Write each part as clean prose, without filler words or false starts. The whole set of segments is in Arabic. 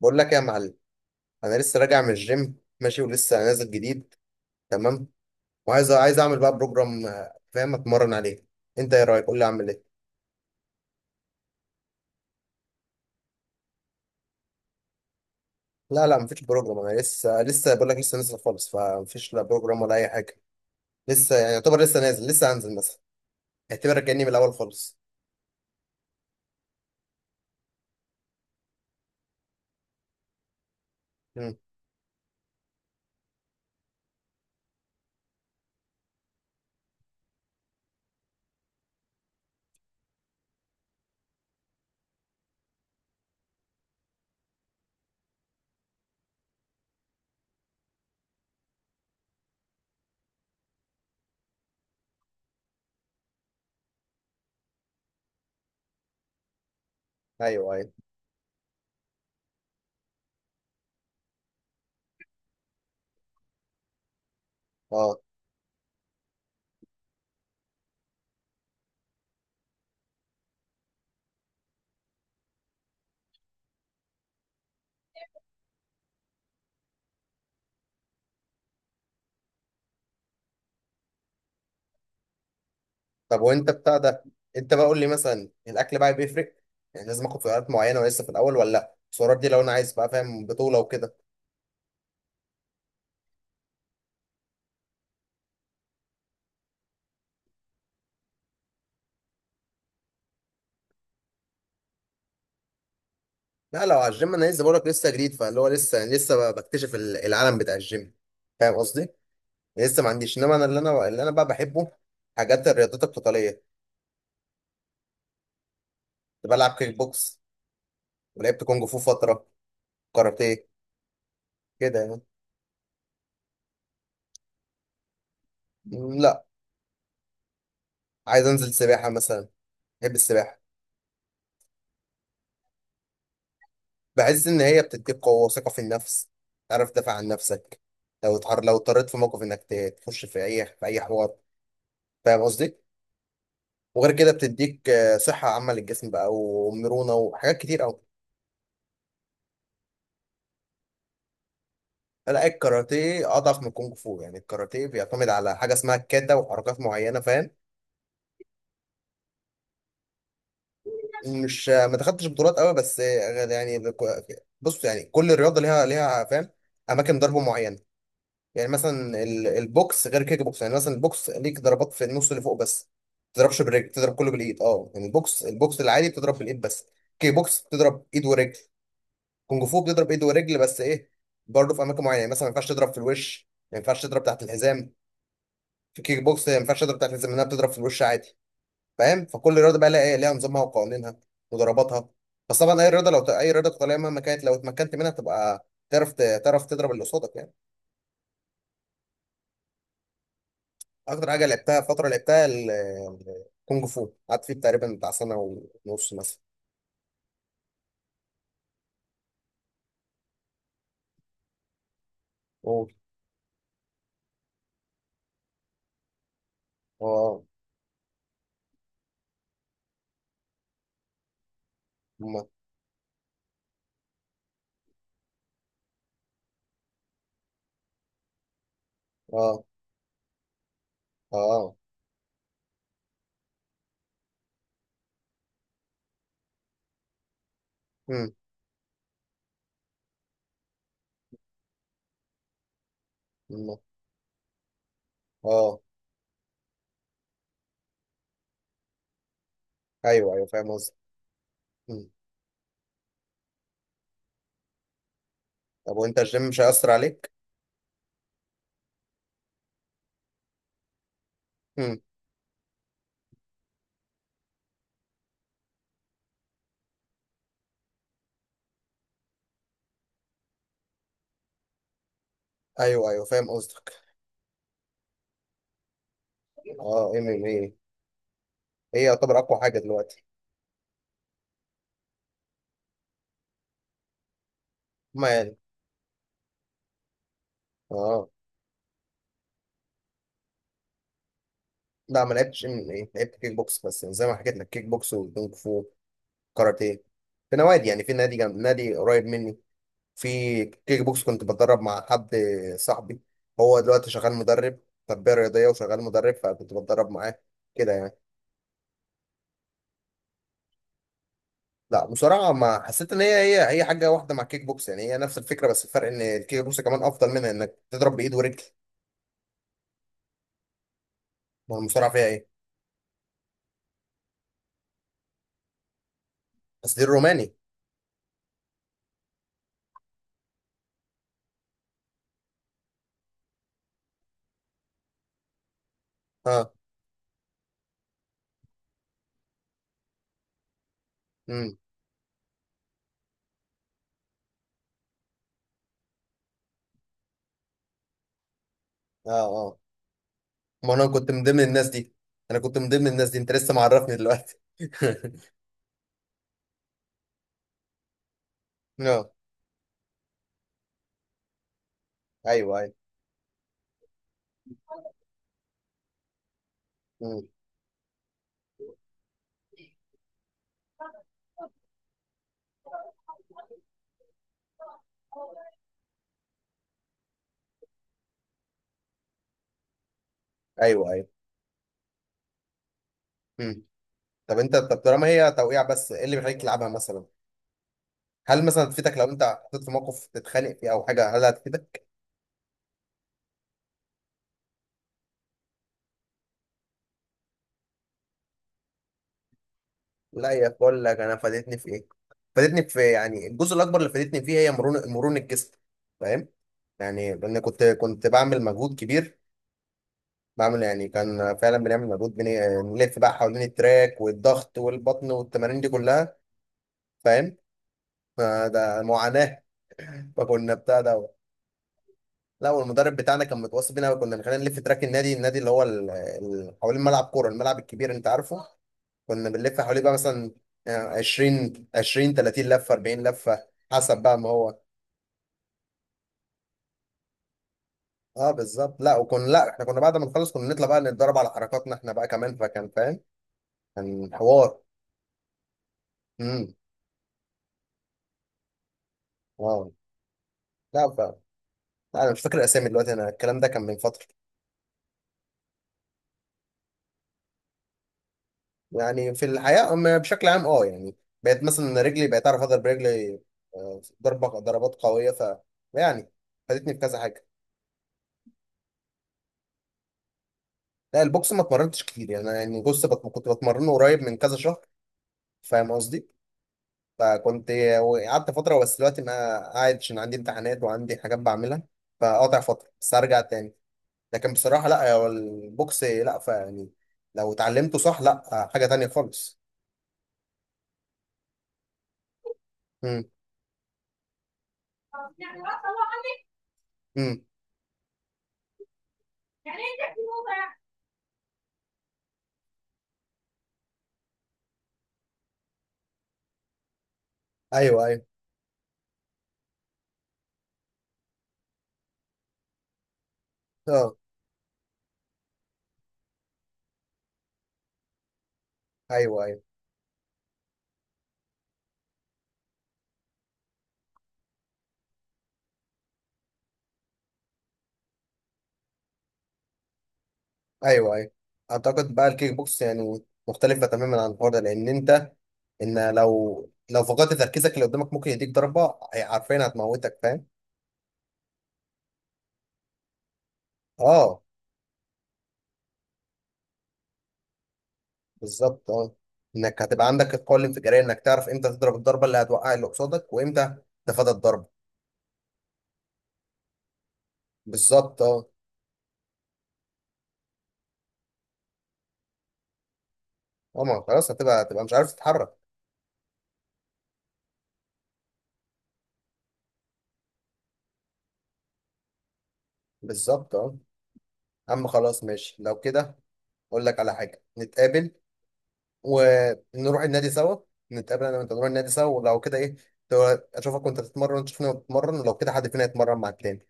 بقول لك إيه يا معلم. انا لسه راجع من الجيم ماشي، ولسه نازل جديد. تمام. وعايز عايز اعمل بقى بروجرام، فاهم، اتمرن عليه. انت ايه رايك؟ قول لي اعمل ايه. لا، لا، مفيش بروجرام، انا لسه بقول لك، لسه نازل خالص، فمفيش لا بروجرام ولا اي حاجه. لسه يعني يعتبر لسه نازل، لسه هنزل مثلا. اعتبرك كاني من الاول خالص. امم. ايوه، ايوه. اه. طب وانت بتاع ده، انت بقى قول لي مثلا الاكل بقى بيفرق، يعني لازم اخد سعرات معينه ولسه في الاول، ولا لا؟ السعرات دي لو انا عايز بقى فاهم بطوله وكده. لا، لو على الجيم انا لسه بقولك، لسه جديد، فاللي هو لسه بكتشف العالم بتاع الجيم. فاهم قصدي؟ لسه ما عنديش، انما انا اللي انا اللي انا بقى بحبه حاجات الرياضات القتاليه. كنت بلعب كيك بوكس، ولعبت كونج فو فتره، كاراتيه، كده يعني. لا. عايز انزل سباحه مثلا. بحب السباحه. بحس ان هي بتديك قوه وثقه في النفس، تعرف تدافع عن نفسك، لو اضطريت في موقف انك تخش في اي حوار. فاهم قصدي؟ وغير كده بتديك صحه عامه للجسم بقى، ومرونه، وحاجات كتير قوي. لا، الكاراتيه اضعف من الكونغ فو، يعني الكاراتيه بيعتمد على حاجه اسمها الكاتا وحركات معينه، فاهم. مش ما دخلتش بطولات قوي بس يعني. بص يعني كل رياضه ليها فاهم اماكن ضرب معينه. يعني مثلا البوكس غير كيك بوكس، يعني مثلا البوكس ليك ضربات في النص اللي فوق بس، ما تضربش بالرجل، تضرب كله بالايد، اه. يعني البوكس العادي بتضرب بالايد بس. كيك بوكس بتضرب ايد ورجل. كونغ فو بتضرب ايد ورجل، بس ايه، برضه في اماكن معينه، يعني مثلا ما ينفعش تضرب في الوش، ما ينفعش تضرب تحت الحزام. في الكيك بوكس ما ينفعش اضرب تحت الزي لانها بتضرب في الوش عادي. فاهم، فكل رياضه بقى لها ايه، ليها نظامها وقوانينها وضرباتها. بس طبعا اي رياضه لو اي رياضه قتاليه مهما كانت لو اتمكنت منها تبقى تعرف تعرف تضرب اللي قصادك يعني. اكتر حاجه لعبتها فتره لعبتها الكونج فو، قعدت فيه تقريبا بتاع سنه ونص مثلا. أوه. اه. أمم. اه. اه. أمم. أمم. اه. ايوه، ايوه، فاهم قصدك. أمم. طب وانت الجيم مش هيأثر عليك؟ أمم. ايوه، ايوه، فاهم قصدك. اه، ام ام ايه، هي يعتبر اقوى حاجه دلوقتي. ما يعني. اه. لا ما لعبتش ام ام ايه، لعبت كيك بوكس بس، زي ما حكيت لك، كيك بوكس وكونغ فو، كاراتيه، في نوادي يعني، في نادي جنب، نادي قريب مني. في كيك بوكس كنت بتدرب مع حد، صاحبي، هو دلوقتي شغال مدرب، تربية رياضية وشغال مدرب، فكنت بتدرب معاه، كده يعني. لا، مصارعة ما حسيت ان هي حاجة واحدة مع الكيك بوكس، يعني هي نفس الفكرة، بس الفرق ان الكيك بوكس كمان افضل منها انك تضرب بايد ورجل. ما المصارعة فيها ايه؟ بس دي الروماني. اه. امم. اه. اه. ما انا كنت من ضمن الناس دي. انا كنت من ضمن الناس دي، انت لسه معرفني دلوقتي اه. ايوه، ايوه. مم. ايوه، ايوه. مم. طب انت، طب طالما هي توقيع بس، ايه اللي بيخليك تلعبها مثلا؟ هل مثلا تفيدك لو انت حطيت في موقف تتخانق فيه او حاجه، هل هتفيدك؟ لا يا، بقول لك انا فادتني في ايه، فادتني في يعني الجزء الاكبر اللي فادتني فيه هي مرونه الجسم، فاهم، يعني لان كنت بعمل مجهود كبير، بعمل يعني، كان فعلا بنعمل مجهود، بنلف بقى حوالين التراك والضغط والبطن والتمارين دي كلها، فاهم. ما ده معاناة. فكنا بتاع ده. لا، والمدرب بتاعنا كان متوصي بينا، وكنا بنخلينا نلف تراك النادي، النادي اللي هو حوالين ملعب كورة، الملعب الكبير، انت عارفه، كنا بنلف حواليه بقى مثلا 20، 20، 30 لفة، 40 لفة، حسب بقى ما هو. اه بالظبط. لا، وكنا، لا، احنا كنا بعد ما نخلص كنا نطلع بقى نتدرب على حركاتنا احنا بقى كمان، فكان فاهم، كان حوار. امم. واو. لا لا انا مش فاكر الاسامي دلوقتي، انا الكلام ده كان من فترة. يعني في الحياة أما بشكل عام اه يعني، بقيت مثلا رجلي، بقيت اعرف اضرب رجلي ضربات قوية، يعني فادتني في كذا حاجة. لا، البوكس ما اتمرنتش كتير يعني أنا، يعني، بص كنت بتمرنه قريب من كذا شهر، فاهم قصدي، فكنت، قعدت فترة بس دلوقتي ما، قاعد عشان عندي امتحانات وعندي حاجات بعملها، فقاطع فترة بس هرجع تاني. لكن بصراحة، لا هو البوكس، لا فيعني، لو اتعلمته صح لا حاجة تانية خالص. امم. امم. ايوه، ايوه. اه. ايوه، ايوه. ايوه، ايوه. اعتقد بقى الكيك بوكس يعني مختلفه تماما عن الحوار ده، لان انت، ان لو فقدت تركيزك اللي قدامك ممكن يديك ضربه، عارفين هتموتك، فاهم. اه بالظبط اه. انك هتبقى عندك القوه الانفجاريه، انك تعرف امتى تضرب الضربه اللي هتوقع اللي قصادك، وامتى تتفادى الضربه. بالظبط اه. اه، ما خلاص هتبقى مش عارف تتحرك. بالظبط اه. اما خلاص ماشي لو كده، اقول لك على حاجه، نتقابل ونروح النادي سوا، نتقابل انا وانت نروح النادي سوا، ولو كده ايه، اشوفك وانت بتتمرن، وأنت تشوفني وأنا بتمرن، ولو كده حد فينا يتمرن مع التاني.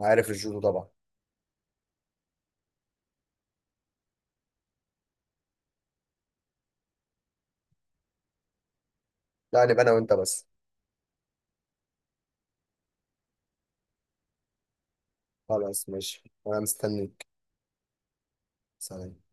عارف الجودو طبعا. لا، نبقى انا وانت بس. خلاص ماشي، وانا مستنيك. سلام.